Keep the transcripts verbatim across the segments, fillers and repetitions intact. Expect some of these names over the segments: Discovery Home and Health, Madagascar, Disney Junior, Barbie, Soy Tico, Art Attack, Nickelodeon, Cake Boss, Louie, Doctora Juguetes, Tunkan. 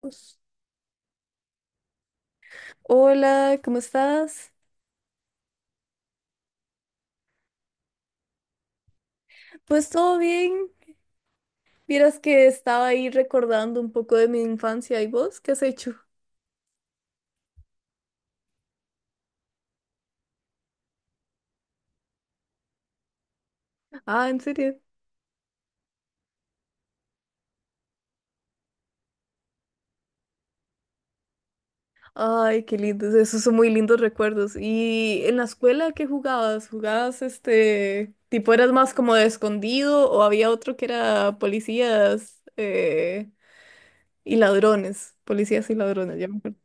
Pues, hola, ¿cómo estás? Pues todo bien. Vieras que estaba ahí recordando un poco de mi infancia. ¿Y vos qué has hecho? Ah, ¿en serio? Ay, qué lindos. Esos son muy lindos recuerdos. ¿Y en la escuela qué jugabas? ¿Jugabas este tipo eras más como de escondido o había otro que era policías eh, y ladrones? Policías y ladrones, ya me acuerdo.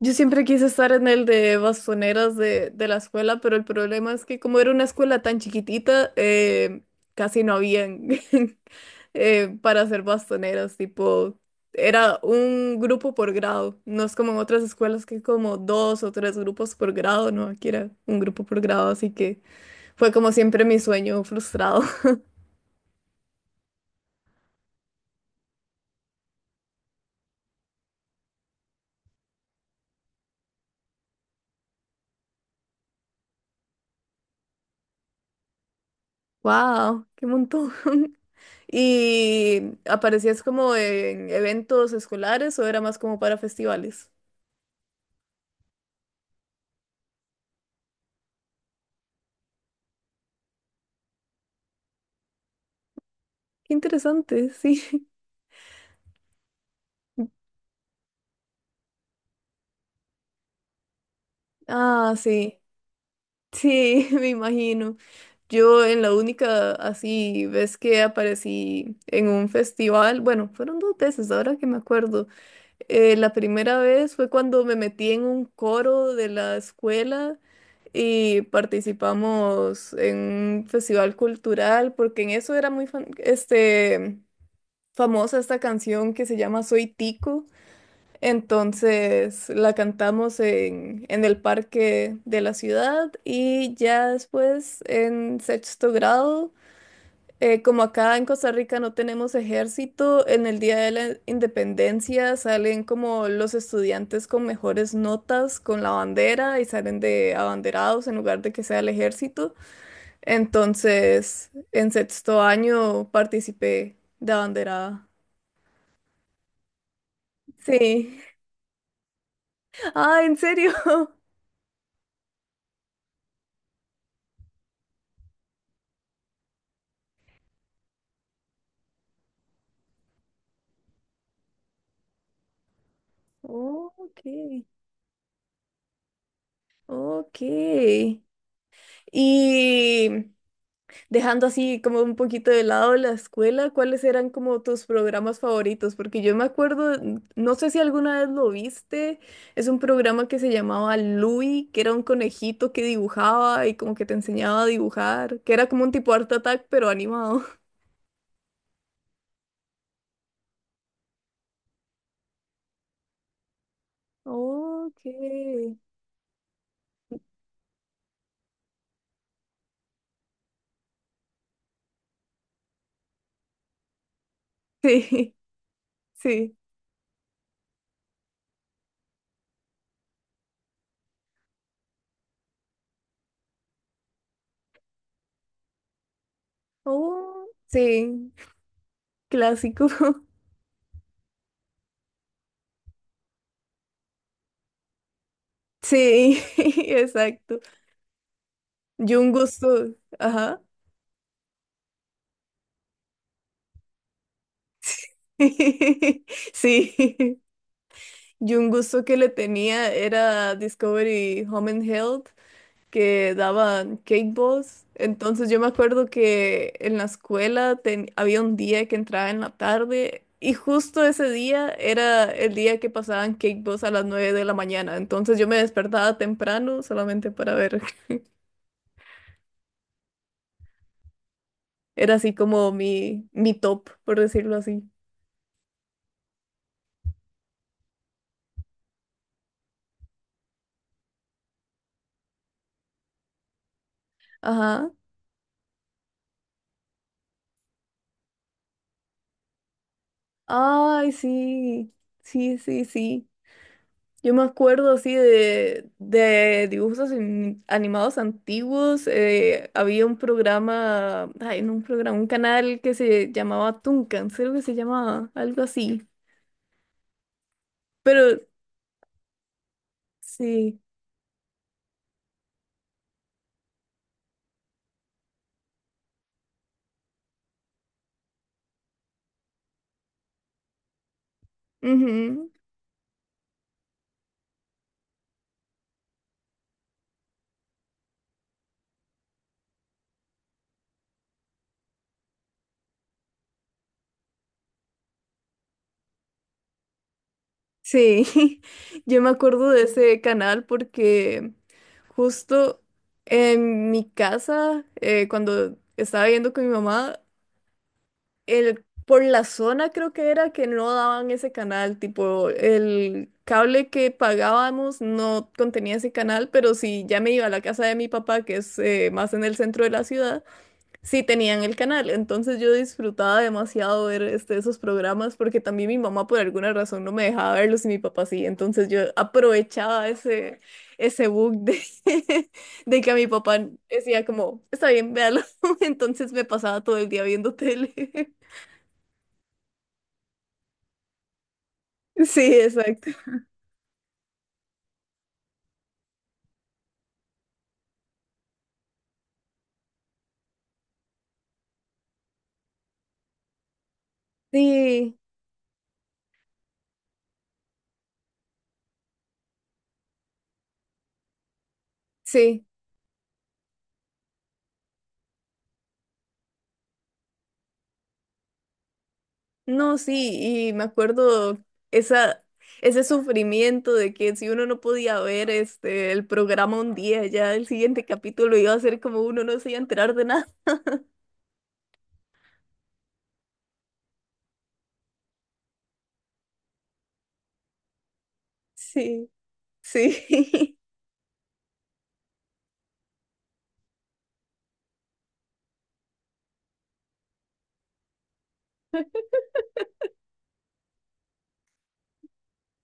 Yo siempre quise estar en el de bastoneras de, de la escuela, pero el problema es que como era una escuela tan chiquitita, eh, casi no habían eh, para hacer bastoneras, tipo, era un grupo por grado, no es como en otras escuelas que hay como dos o tres grupos por grado, no, aquí era un grupo por grado, así que fue como siempre mi sueño frustrado. ¡Wow! ¡Qué montón! ¿Y aparecías como en eventos escolares o era más como para festivales? Qué interesante, sí. Ah, sí, sí, me imagino. Yo en la única así vez que aparecí en un festival, bueno, fueron dos veces, ahora que me acuerdo. Eh, la primera vez fue cuando me metí en un coro de la escuela y participamos en un festival cultural, porque en eso era muy fam- este, famosa esta canción que se llama Soy Tico. Entonces la cantamos en, en el parque de la ciudad y ya después en sexto grado, eh, como acá en Costa Rica no tenemos ejército, en el Día de la Independencia salen como los estudiantes con mejores notas con la bandera y salen de abanderados en lugar de que sea el ejército. Entonces en sexto año participé de abanderada. Sí. Ah, ¿en serio? Ok. Ok. Y dejando así como un poquito de lado la escuela, ¿cuáles eran como tus programas favoritos? Porque yo me acuerdo, n- no sé si alguna vez lo viste, es un programa que se llamaba Louie, que era un conejito que dibujaba y como que te enseñaba a dibujar, que era como un tipo Art Attack, pero animado. Ok. Sí, sí. Oh, sí, clásico. Sí, exacto. Yo un gusto. Ajá. Sí, yo un gusto que le tenía era Discovery Home and Health, que daban cake boss. Entonces yo me acuerdo que en la escuela ten- había un día que entraba en la tarde y justo ese día era el día que pasaban cake boss a las nueve de la mañana. Entonces yo me despertaba temprano solamente para ver. Era así como mi, mi top, por decirlo así. Ajá. Ay, sí. Sí, sí, sí. Yo me acuerdo así de, de dibujos ani- animados antiguos. Eh, había un programa, ay, no un programa, un canal que se llamaba Tunkan, creo que se llamaba, algo así. Pero sí, ujú, sí, yo me acuerdo de ese canal porque justo en mi casa, eh, cuando estaba viviendo con mi mamá, el, por la zona creo que era que no daban ese canal, tipo el cable que pagábamos no contenía ese canal, pero si ya me iba a la casa de mi papá, que es eh, más en el centro de la ciudad, sí tenían el canal. Entonces yo disfrutaba demasiado ver este, esos programas porque también mi mamá por alguna razón no me dejaba verlos y mi papá sí. Entonces yo aprovechaba ese, ese bug de, de que a mi papá decía como, está bien, véalo. Entonces me pasaba todo el día viendo tele. Sí, exacto. Sí, sí. No, sí, y me acuerdo esa, ese sufrimiento de que si uno no podía ver este el programa un día, ya el siguiente capítulo iba a ser como uno no se iba a enterar de nada. Sí, sí.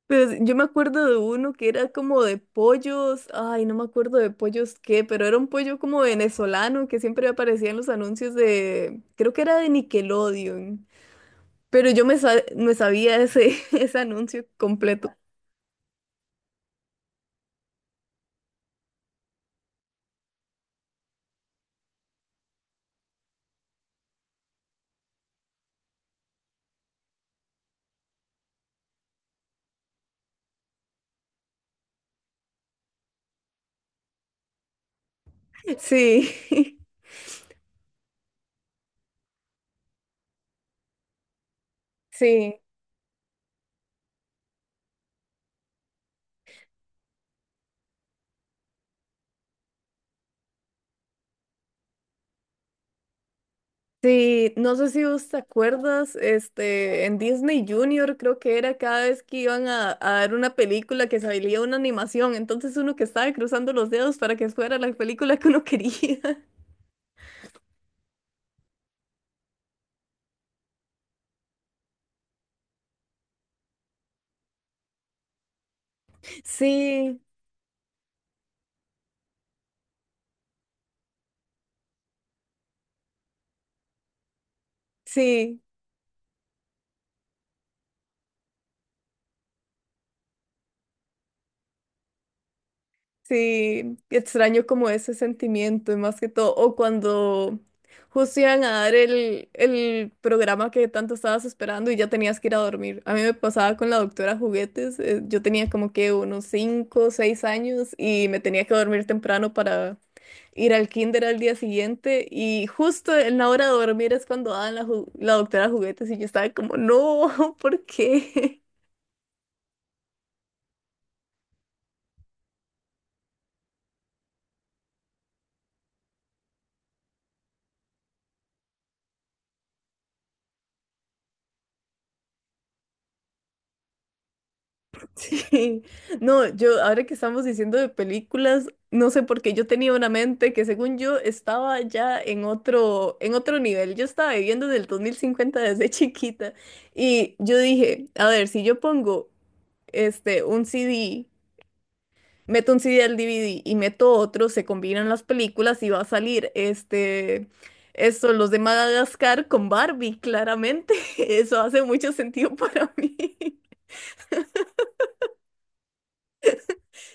Pero yo me acuerdo de uno que era como de pollos, ay, no me acuerdo de pollos qué, pero era un pollo como venezolano que siempre aparecía en los anuncios de, creo que era de Nickelodeon. Pero yo me, sa- me sabía ese, ese anuncio completo. Sí, sí, sí. No sé si vos te acuerdas, este, en Disney Junior creo que era cada vez que iban a, a dar una película que salía una animación. Entonces uno que estaba cruzando los dedos para que fuera la película que uno quería. Sí, sí. Sí, extraño como ese sentimiento y más que todo, o cuando justo iban a dar el, el programa que tanto estabas esperando y ya tenías que ir a dormir. A mí me pasaba con la doctora Juguetes, eh, yo tenía como que unos cinco o seis años y me tenía que dormir temprano para ir al kinder al día siguiente y justo en la hora de dormir es cuando daban la, ju- la doctora Juguetes y yo estaba como, no, ¿por qué? Sí, no, yo ahora que estamos diciendo de películas, no sé por qué yo tenía una mente que según yo estaba ya en otro, en otro nivel. Yo estaba viviendo desde el dos mil cincuenta desde chiquita y yo dije, a ver, si yo pongo este un C D, meto un C D al D V D y meto otro, se combinan las películas y va a salir este esto, los de Madagascar con Barbie, claramente. Eso hace mucho sentido para mí.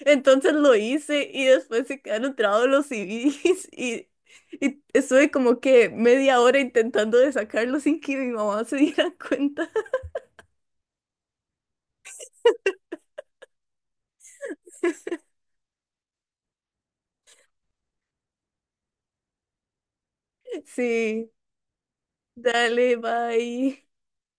Entonces lo hice y después se quedaron trabados los C Ds y, y estuve como que media hora intentando de sacarlo sin que mi mamá se diera cuenta. Sí, dale, bye.